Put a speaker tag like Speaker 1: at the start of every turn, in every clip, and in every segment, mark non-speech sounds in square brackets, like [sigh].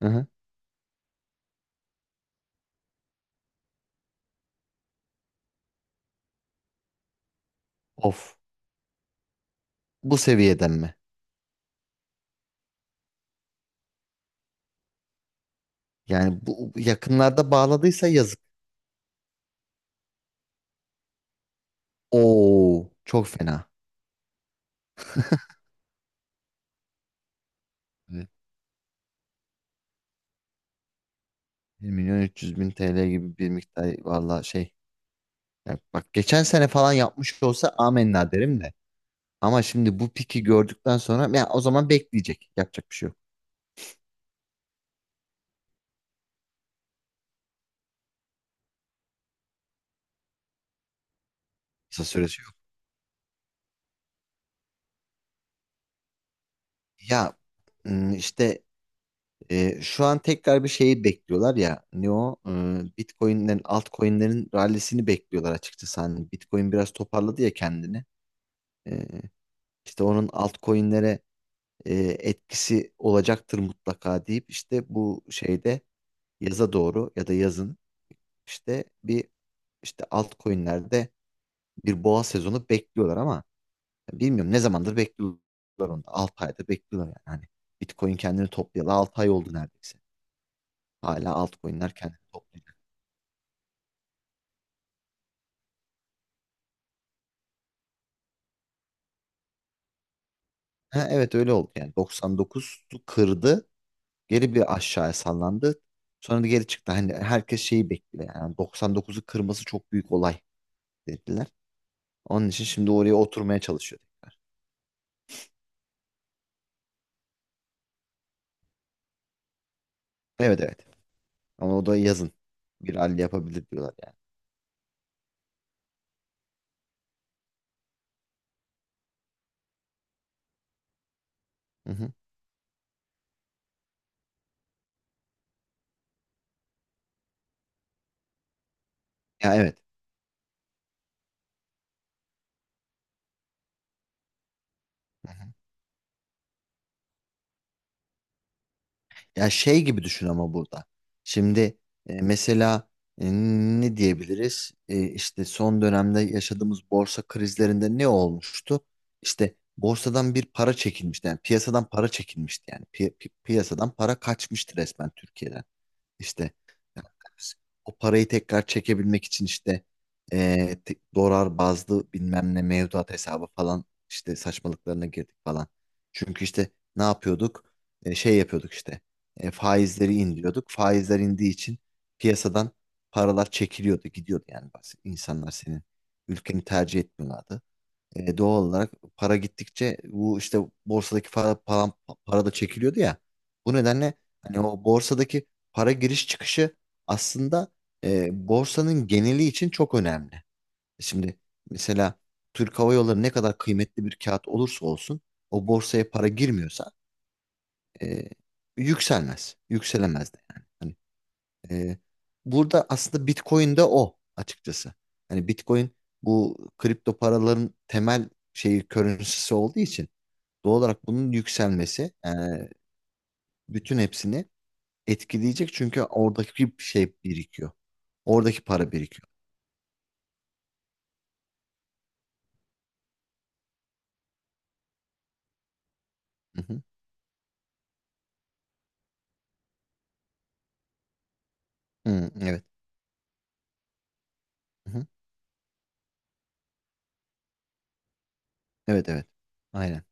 Speaker 1: Aha. Of. Bu seviyeden mi? Yani bu yakınlarda bağladıysa yazık. Oo, çok fena. Evet. 1 milyon 300 bin TL gibi bir miktar valla şey. Ya bak geçen sene falan yapmış olsa amenna derim de. Ama şimdi bu piki gördükten sonra ya o zaman bekleyecek. Yapacak bir şey yok. Kısa süresi yok. Ya işte şu an tekrar bir şeyi bekliyorlar ya. Ne o? Bitcoin'lerin altcoin'lerin rallisini bekliyorlar açıkçası. Hani Bitcoin biraz toparladı ya kendini. Ee, İşte onun altcoin'lere e, etkisi olacaktır mutlaka deyip işte bu şeyde yaza doğru ya da yazın işte bir işte altcoin'lerde bir boğa sezonu bekliyorlar ama bilmiyorum ne zamandır bekliyorlar onu. 6 aydır bekliyorlar yani. Hani Bitcoin kendini toplayalı 6 ay oldu neredeyse. Hala altcoin'ler kendini toplayacak. Ha, evet öyle oldu yani 99'u kırdı. Geri bir aşağıya sallandı. Sonra da geri çıktı. Hani herkes şeyi bekliyor yani 99'u kırması çok büyük olay dediler. Onun için şimdi oraya oturmaya çalışıyor. Evet, evet. Ama o da yazın. Bir halde yapabilir diyorlar yani. Hı hı. Ya, evet. Hı hı. Ya şey gibi düşün ama burada. Şimdi mesela e, ne diyebiliriz? İşte son dönemde yaşadığımız borsa krizlerinde ne olmuştu? İşte borsadan bir para çekilmişti. Yani piyasadan para çekilmişti yani. Piyasadan para kaçmıştı resmen Türkiye'den. İşte yani o parayı tekrar çekebilmek için işte dolar bazlı bilmem ne mevduat hesabı falan işte saçmalıklarına girdik falan. Çünkü işte ne yapıyorduk? Şey yapıyorduk işte, faizleri indiriyorduk. Faizler indiği için piyasadan paralar çekiliyordu, gidiyordu yani. İnsanlar senin ülkeni tercih etmiyorlardı. Doğal olarak para gittikçe bu işte borsadaki para da çekiliyordu ya. Bu nedenle hani o borsadaki para giriş çıkışı aslında borsanın geneli için çok önemli. Şimdi mesela Türk Hava Yolları ne kadar kıymetli bir kağıt olursa olsun o borsaya para girmiyorsa e, yükselmez. Yükselemez de yani. Hani ee, burada aslında Bitcoin de o açıkçası. Hani Bitcoin bu kripto paraların temel şeyi, currency'si olduğu için doğal olarak bunun yükselmesi bütün hepsini etkileyecek, çünkü oradaki şey birikiyor. Oradaki para birikiyor. Hı hı. Hı, evet. Hı hı. Evet, evet. Aynen.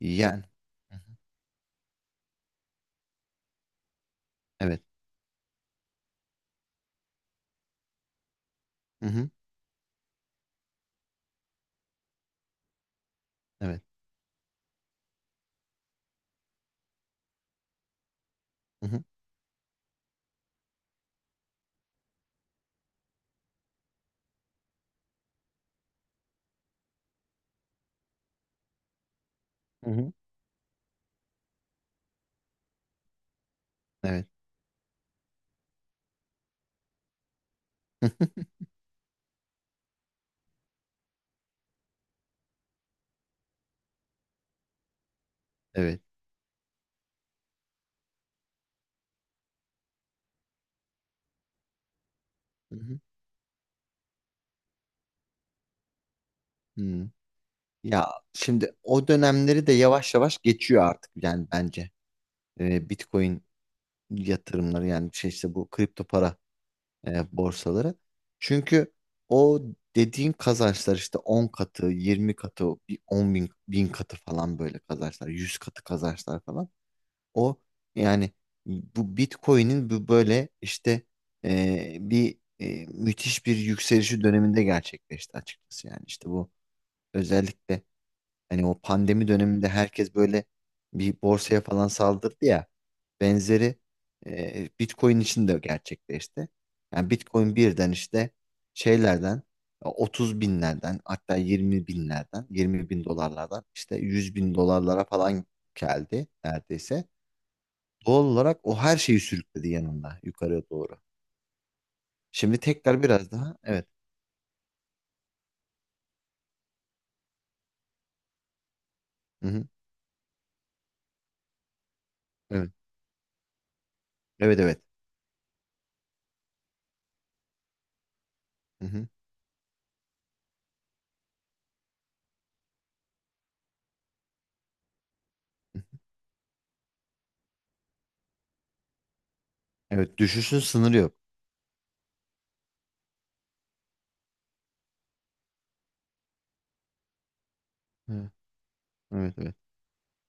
Speaker 1: Yani. Hı hı. Evet. Hı hı. Evet. Hı hı. Hı hı. Evet. [laughs] Evet. Hı hı. Hı. Ya şimdi o dönemleri de yavaş yavaş geçiyor artık yani bence. Bitcoin yatırımları yani şey, işte bu kripto para borsaları. Çünkü o dediğin kazançlar işte 10 katı, 20 katı, bir 10 bin, bin katı falan, böyle kazançlar, 100 katı kazançlar falan. O yani bu Bitcoin'in bu böyle işte bir müthiş bir yükselişi döneminde gerçekleşti açıkçası, yani işte bu özellikle hani o pandemi döneminde herkes böyle bir borsaya falan saldırdı ya. Benzeri Bitcoin için de gerçekleşti. Yani Bitcoin birden işte şeylerden 30 binlerden, hatta 20 binlerden, 20 bin dolarlardan işte 100 bin dolarlara falan geldi neredeyse. Doğal olarak o her şeyi sürükledi yanında yukarıya doğru. Şimdi tekrar biraz daha, evet. Hı hı. Evet. Evet, evet. Hı hı. Evet, düşüşün sınırı yok. Evet, evet.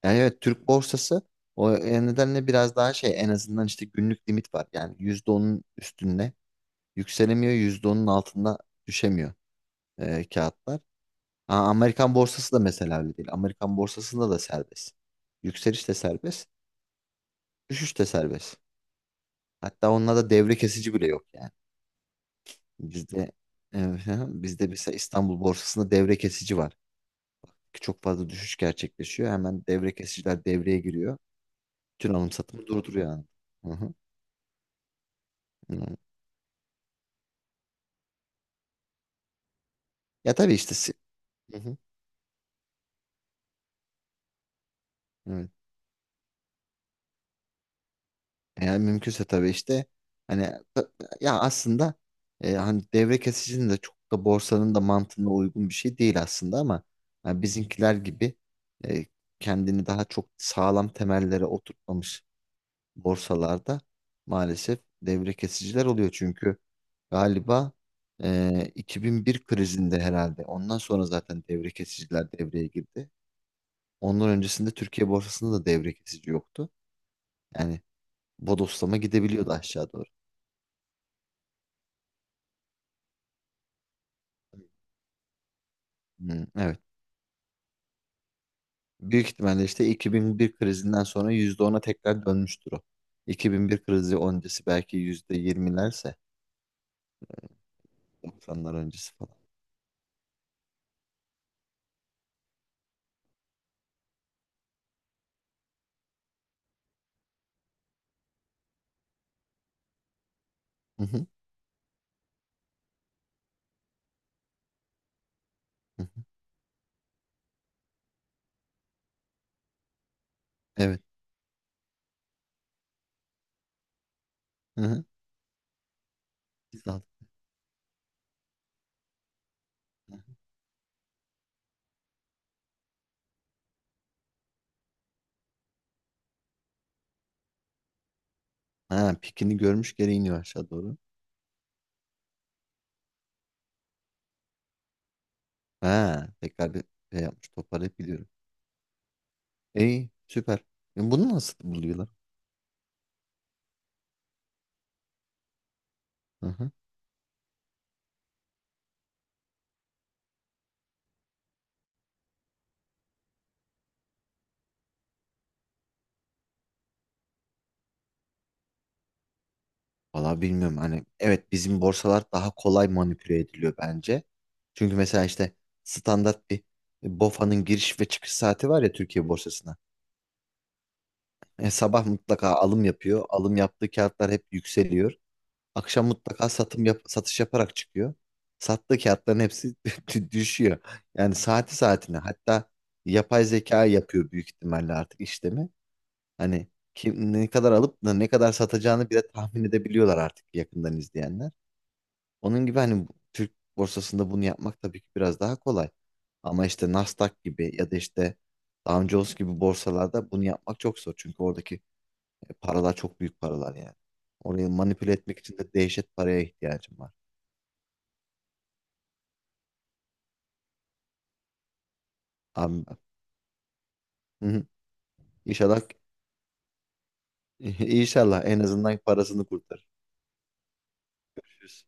Speaker 1: Yani evet, Türk borsası o nedenle biraz daha şey, en azından işte günlük limit var. Yani %10'un üstünde yükselemiyor, %10'un altında düşemiyor kağıtlar. Aa, Amerikan borsası da mesela öyle değil. Amerikan borsasında da serbest. Yükseliş de serbest, düşüş de serbest. Hatta onlarda devre kesici bile yok yani. Bizde e, [laughs] bizde mesela İstanbul borsasında devre kesici var. Çok fazla düşüş gerçekleşiyor. Hemen devre kesiciler devreye giriyor. Bütün alım satımı durduruyor yani. Hı hı. Ya tabii işte. Hı hı. Evet. Yani mümkünse tabii işte hani ya aslında hani devre kesicinin de çok da borsanın da mantığına uygun bir şey değil aslında, ama hani bizimkiler gibi e, kendini daha çok sağlam temellere oturtmamış borsalarda maalesef devre kesiciler oluyor. Çünkü galiba 2001 krizinde herhalde, ondan sonra zaten devre kesiciler devreye girdi. Ondan öncesinde Türkiye borsasında da devre kesici yoktu. Yani bodoslama gidebiliyordu aşağı doğru. Hmm, evet. Büyük ihtimalle işte 2001 krizinden sonra %10'a tekrar dönmüştür o. 2001 krizi öncesi belki %20'lerse, 90'lar öncesi falan. Hı hı, hı hı. Evet. Hı hı. Biz de aldık. Ha, pikini görmüş, geri iniyor aşağı doğru. Ha, tekrar bir şey yapmış, toparlayıp biliyorum. İyi, süper. E, bunu nasıl buluyorlar? Hı hı. Valla bilmiyorum, hani evet, bizim borsalar daha kolay manipüle ediliyor bence. Çünkü mesela işte standart bir BOFA'nın giriş ve çıkış saati var ya Türkiye borsasına. Sabah mutlaka alım yapıyor. Alım yaptığı kağıtlar hep yükseliyor. Akşam mutlaka satım satış yaparak çıkıyor. Sattığı kağıtların hepsi [laughs] düşüyor. Yani saati saatine, hatta yapay zeka yapıyor büyük ihtimalle artık işlemi. Hani kim ne kadar alıp da ne kadar satacağını bile tahmin edebiliyorlar artık, yakından izleyenler. Onun gibi hani Türk borsasında bunu yapmak tabii ki biraz daha kolay. Ama işte Nasdaq gibi ya da işte Dow Jones gibi borsalarda bunu yapmak çok zor. Çünkü oradaki paralar çok büyük paralar yani. Orayı manipüle etmek için de dehşet paraya ihtiyacım var. Abi. Hı hı. İnşallah, [laughs] inşallah en azından parasını kurtarır. Görüşürüz.